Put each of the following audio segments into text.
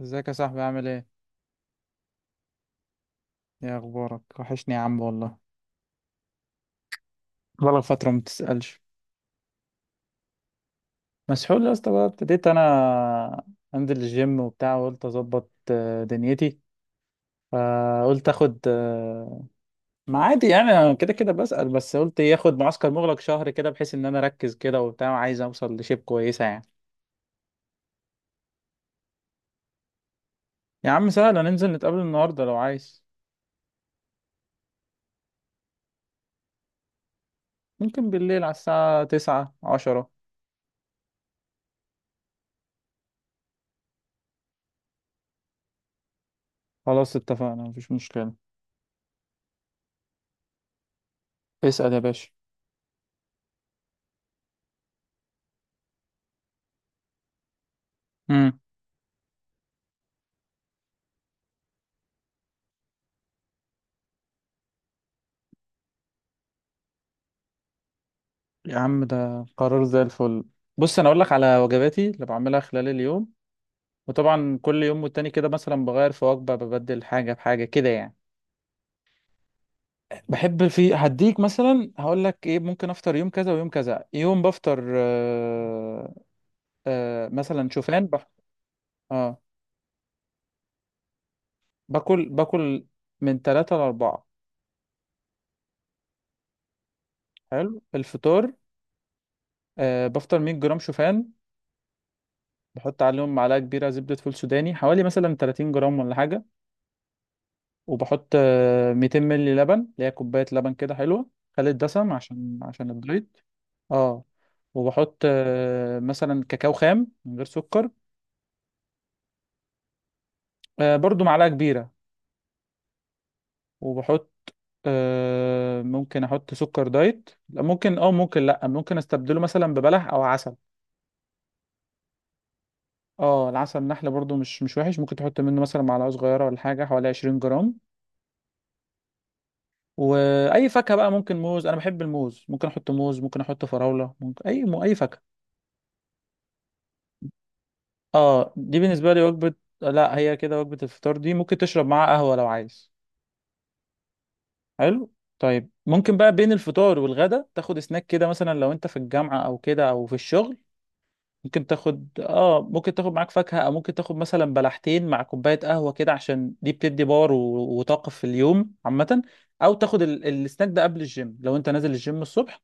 ازيك يا صاحبي، عامل ايه؟ ايه اخبارك؟ وحشني يا عم والله. بقالك فترة ما بتسألش. مسحول يا اسطى، بقى ابتديت انا انزل الجيم وبتاع، وقلت اظبط دنيتي، فقلت اخد. ما عادي يعني، انا كده كده بسأل، بس قلت ايه، اخد معسكر مغلق شهر كده بحيث ان انا اركز كده وبتاع، وعايز اوصل لشيب كويسة يعني. يا عم سهل، هننزل نتقابل النهاردة لو عايز. ممكن بالليل على الساعة تسعة عشرة. خلاص اتفقنا، مفيش مشكلة. اسأل يا باشا. يا عم ده قرار زي الفل. بص انا اقول لك على وجباتي اللي بعملها خلال اليوم. وطبعا كل يوم والتاني كده، مثلا بغير في وجبه، ببدل حاجه بحاجه كده يعني. بحب في هديك، مثلا هقول لك ايه. ممكن افطر يوم كذا ويوم كذا. يوم بفطر آه، آه مثلا شوفان اه. باكل من ثلاثة لأربعة. حلو الفطار، آه بفطر 100 جرام شوفان. بحط عليهم معلقه كبيره زبده فول سوداني، حوالي مثلا 30 جرام ولا حاجه. وبحط 200 مللي لبن، اللي هي كوباية لبن كده حلوة. خالي الدسم عشان الدايت. اه. وبحط مثلا كاكاو خام من غير سكر. برضو معلقة كبيرة. وبحط ممكن احط سكر دايت، لا ممكن اه ممكن، لا ممكن استبدله مثلا ببلح او عسل. اه العسل النحل برضو مش وحش، ممكن تحط منه مثلا معلقة صغيرة ولا حاجة، حوالي 20 جرام. واي فاكهة بقى، ممكن موز، انا بحب الموز، ممكن احط موز، ممكن احط فراولة، ممكن اي اي فاكهة. اه دي بالنسبة لي وجبة. لا هي كده وجبة الفطار دي، ممكن تشرب معاها قهوة لو عايز. حلو. طيب ممكن بقى بين الفطار والغدا تاخد سناك كده، مثلا لو انت في الجامعة او كده او في الشغل. ممكن تاخد اه ممكن تاخد معاك فاكهة، او ممكن تاخد مثلا بلحتين مع كوباية قهوة كده، عشان دي بتدي باور وطاقة في اليوم عامة. او تاخد السناك ده قبل الجيم، لو انت نازل الجيم الصبح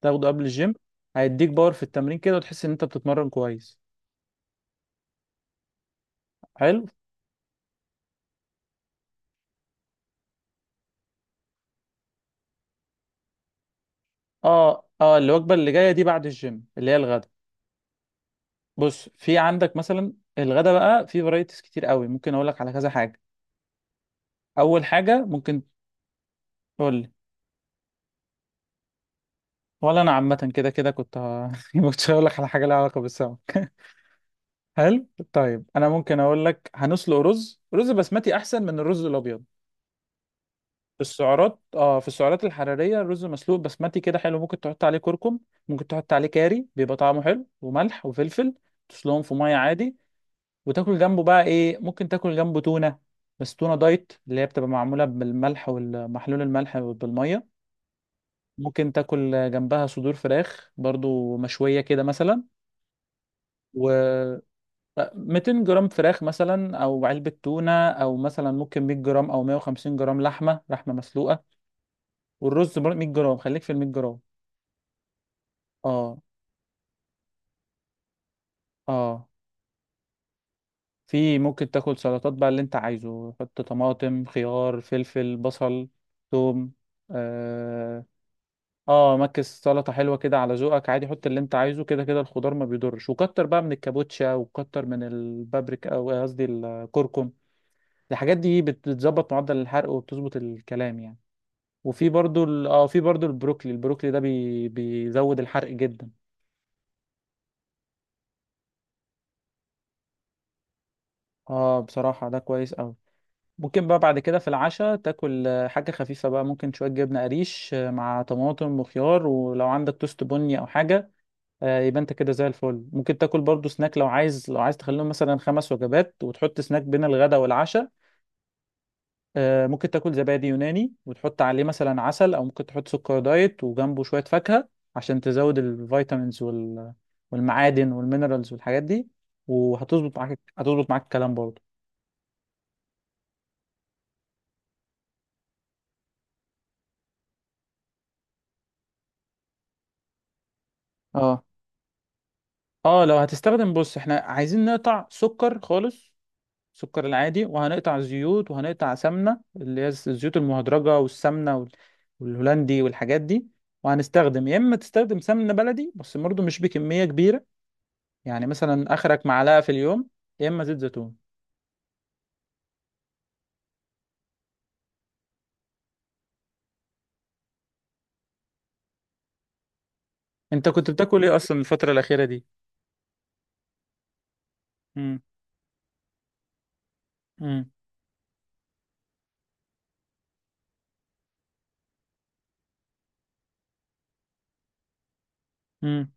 تاخده قبل الجيم. هيديك باور في التمرين كده، وتحس ان انت بتتمرن كويس. حلو. اه اه الوجبه اللي جايه دي بعد الجيم، اللي هي الغدا. بص، في عندك مثلا الغدا بقى في فرايتيز كتير قوي، ممكن اقول لك على كذا حاجه. اول حاجه ممكن. تقول لي. ولا انا عامه كده كده، كنت كنت هقول لك على حاجه لها علاقه بالسمك هل. طيب انا ممكن اقول لك، هنسلق رز، رز بسمتي احسن من الرز الابيض. في السعرات، اه في السعرات الحراريه الرز مسلوق بسمتي كده حلو، ممكن تحط عليه كركم. ممكن تحط عليه كاري، بيبقى طعمه حلو، وملح وفلفل. تسلقهم في ميه عادي. وتاكل جنبه بقى ايه، ممكن تاكل جنبه تونه. بس تونه دايت اللي هي بتبقى معموله بالملح والمحلول، الملح بالميه. ممكن تاكل جنبها صدور فراخ برضو مشويه كده مثلا. و 200 جرام فراخ مثلا، او علبه تونه، او مثلا ممكن 100 جرام او 150 جرام لحمه مسلوقه. والرز برضو 100 جرام، خليك في ال 100 جرام. اه اه. في ممكن تاكل سلطات بقى اللي انت عايزه. حط طماطم، خيار، فلفل، بصل، ثوم. اه مكس سلطة حلوة كده على ذوقك عادي، حط اللي انت عايزه. كده كده الخضار ما بيضرش، وكتر بقى من الكابوتشا، وكتر من البابريكا، او إيه قصدي الكركم. الحاجات دي بتظبط معدل الحرق، وبتظبط الكلام يعني. وفي برضو اه في برضو البروكلي، البروكلي ده بيزود الحرق جدا. اه بصراحة ده كويس قوي. ممكن بقى بعد كده في العشاء تاكل حاجة خفيفة بقى، ممكن شوية جبنة قريش مع طماطم وخيار، ولو عندك توست بني او حاجة. يبقى انت كده زي الفل. ممكن تاكل برضو سناك لو عايز، لو عايز تخليهم مثلا خمس وجبات، وتحط سناك بين الغداء والعشاء. ممكن تاكل زبادي يوناني وتحط عليه مثلا عسل، او ممكن تحط سكر دايت، وجنبه شوية فاكهة، عشان تزود الفيتامينز والمعادن والمينرالز والحاجات دي. وهتظبط معاك الكلام برضو. اه اه لو هتستخدم، بص احنا عايزين نقطع سكر خالص، السكر العادي، وهنقطع زيوت، وهنقطع سمنة، اللي هي الزيوت المهدرجة والسمنة والهولندي والحاجات دي. وهنستخدم يا إما تستخدم سمنة بلدي، بس برضه مش بكمية كبيرة، يعني مثلا آخرك معلقة في اليوم. يا إما زيت زيتون. أنت كنت بتاكل إيه أصلا الفترة الأخيرة دي؟ مم. مم. مم.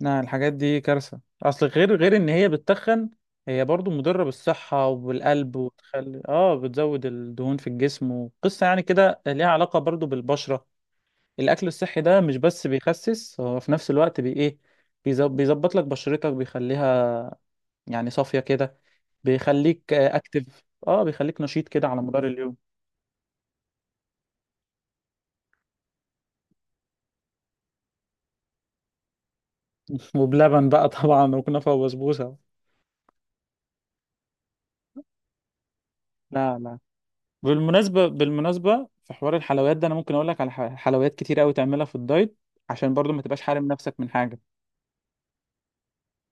لا الحاجات دي كارثة، أصل غير إن هي بتتخن، هي برضه مضرة بالصحة والقلب، وتخلي آه بتزود الدهون في الجسم، وقصة يعني كده ليها علاقة برضه بالبشرة. الاكل الصحي ده مش بس بيخسس، هو في نفس الوقت بي ايه، بيظبط لك بشرتك، بيخليها يعني صافية كده، بيخليك اكتف اه بيخليك نشيط كده على مدار اليوم. وبلبن بقى طبعا، وكنافة وبسبوسة. لا لا. بالمناسبة في حوار الحلويات ده، انا ممكن اقول لك على حلويات كتير قوي تعملها في الدايت، عشان برضو ما تبقاش حارم نفسك من حاجة.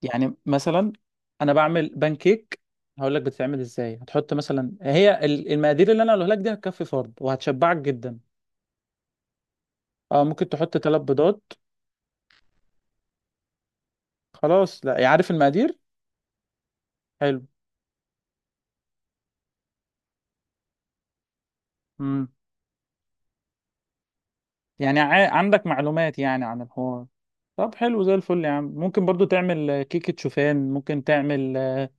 يعني مثلا انا بعمل بانكيك، هقول لك بتتعمل ازاي. هتحط مثلا هي المقادير اللي انا هقولها لك دي، هتكفي فرد وهتشبعك جدا. اه ممكن تحط ثلاث بيضات. خلاص لا عارف المقادير. حلو. امم. يعني عندك معلومات يعني عن الحوار. طب حلو زي الفل يا عم، ممكن برضو تعمل كيكة شوفان، ممكن تعمل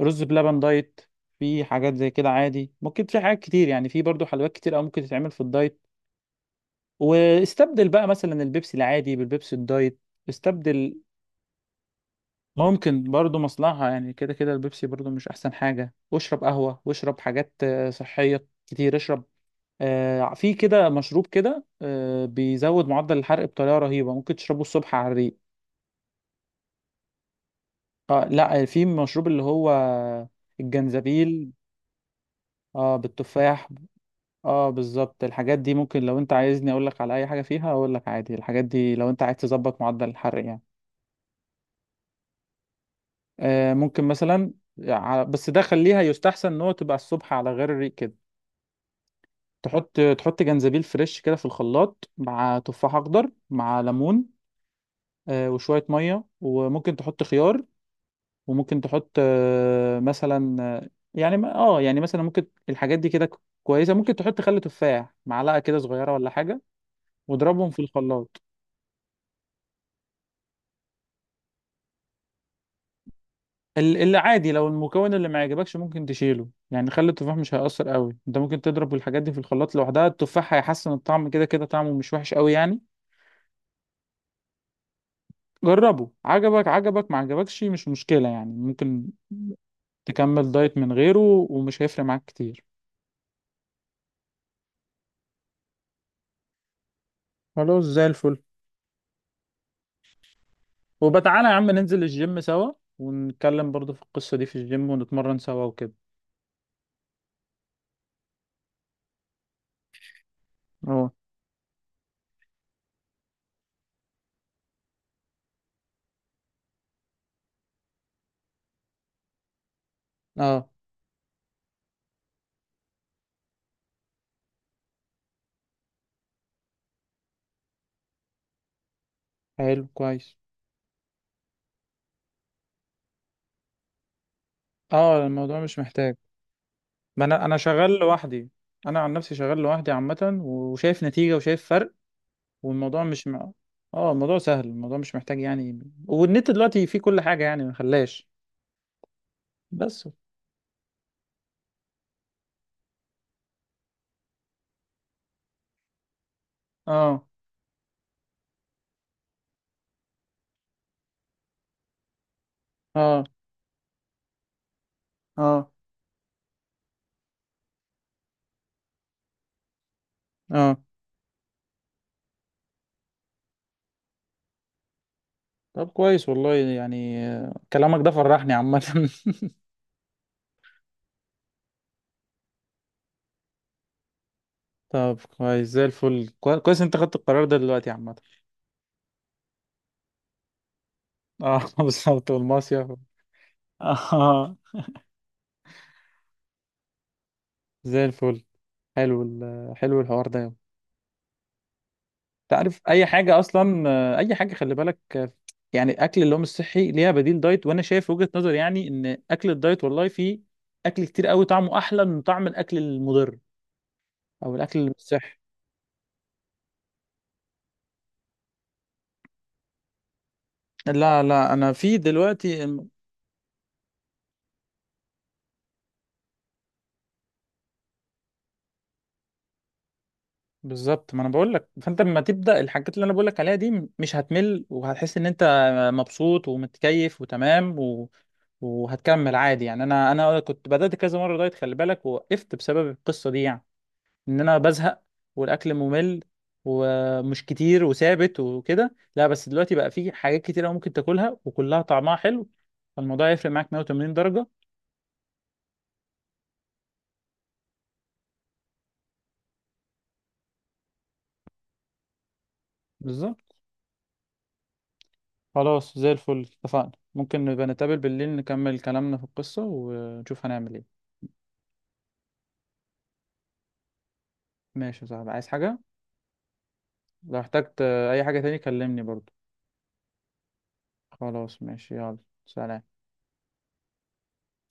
رز بلبن دايت. في حاجات زي كده عادي، ممكن في حاجات كتير يعني، في برضو حلويات كتير او ممكن تتعمل في الدايت. واستبدل بقى مثلا البيبسي العادي بالبيبسي الدايت. استبدل. ممكن برضو مصلحة يعني، كده كده البيبسي برضو مش احسن حاجة، واشرب قهوة، واشرب حاجات صحية كتير. اشرب في كده مشروب كده بيزود معدل الحرق بطريقة رهيبة، ممكن تشربه الصبح على الريق. اه لا في مشروب اللي هو الجنزبيل. اه بالتفاح. اه بالظبط، الحاجات دي ممكن، لو انت عايزني اقول لك على اي حاجة فيها اقول لك عادي. الحاجات دي لو انت عايز تظبط معدل الحرق يعني. ممكن مثلا بس ده خليها يستحسن ان هو تبقى الصبح على غير الريق كده. تحط جنزبيل فريش كده في الخلاط، مع تفاح اخضر، مع ليمون وشوية مية، وممكن تحط خيار، وممكن تحط مثلا يعني اه يعني مثلا ممكن الحاجات دي كده كويسه، ممكن تحط خل تفاح، معلقه كده صغيره ولا حاجه، واضربهم في الخلاط. اللي عادي لو المكون اللي ما عجبكش ممكن تشيله يعني، خل التفاح مش هيأثر قوي، انت ممكن تضرب الحاجات دي في الخلاط لوحدها، التفاح هيحسن الطعم، كده كده طعمه مش وحش قوي يعني. جربه، عجبك عجبك، ما عجبكش مش مشكله يعني، ممكن تكمل دايت من غيره، ومش هيفرق معاك كتير. خلاص زي الفل. وبتعالى يا عم ننزل الجيم سوا، ونتكلم برضو في القصة دي في الجيم، ونتمرن سوا وكده. اه اه. حلو كويس. اه الموضوع مش محتاج. ما انا شغال لوحدي، انا عن نفسي شغال لوحدي عامة، وشايف نتيجة وشايف فرق، والموضوع مش. اه الموضوع سهل، الموضوع مش محتاج يعني. والنت دلوقتي فيه كل حاجة يعني، ما خلاش. بس. اه اه اه اه. طب كويس والله يعني، كلامك ده فرحني عامة طب كويس زي الفل، كويس انت خدت القرار ده دلوقتي عامة. اه بالظبط، والمصيف. اه. زي الفل. حلو حلو الحوار ده يابا. انت عارف اي حاجه اصلا، اي حاجه خلي بالك. يعني اكل اللي هو مش صحي ليها بديل دايت. وانا شايف وجهه نظر يعني، ان اكل الدايت والله فيه اكل كتير قوي طعمه احلى من طعم الاكل المضر، او الاكل اللي مش صحي. لا لا انا في دلوقتي. بالظبط، ما انا بقول لك. فانت لما تبدا الحاجات اللي انا بقول لك عليها دي، مش هتمل، وهتحس ان انت مبسوط ومتكيف وتمام وهتكمل عادي يعني. انا كنت بدات كذا مره دايت خلي بالك، ووقفت بسبب القصه دي يعني، ان انا بزهق، والاكل ممل ومش كتير وثابت وكده. لا بس دلوقتي بقى في حاجات كتير أوي ممكن تاكلها، وكلها طعمها حلو. فالموضوع يفرق معاك 180 درجه. بالظبط. خلاص زي الفل اتفقنا، ممكن نبقى نتقابل بالليل، نكمل كلامنا في القصه، ونشوف هنعمل ايه. ماشي يا صاحبي، عايز حاجة؟ لو احتجت أي حاجة تاني كلمني برضو. خلاص ماشي، يلا سلام.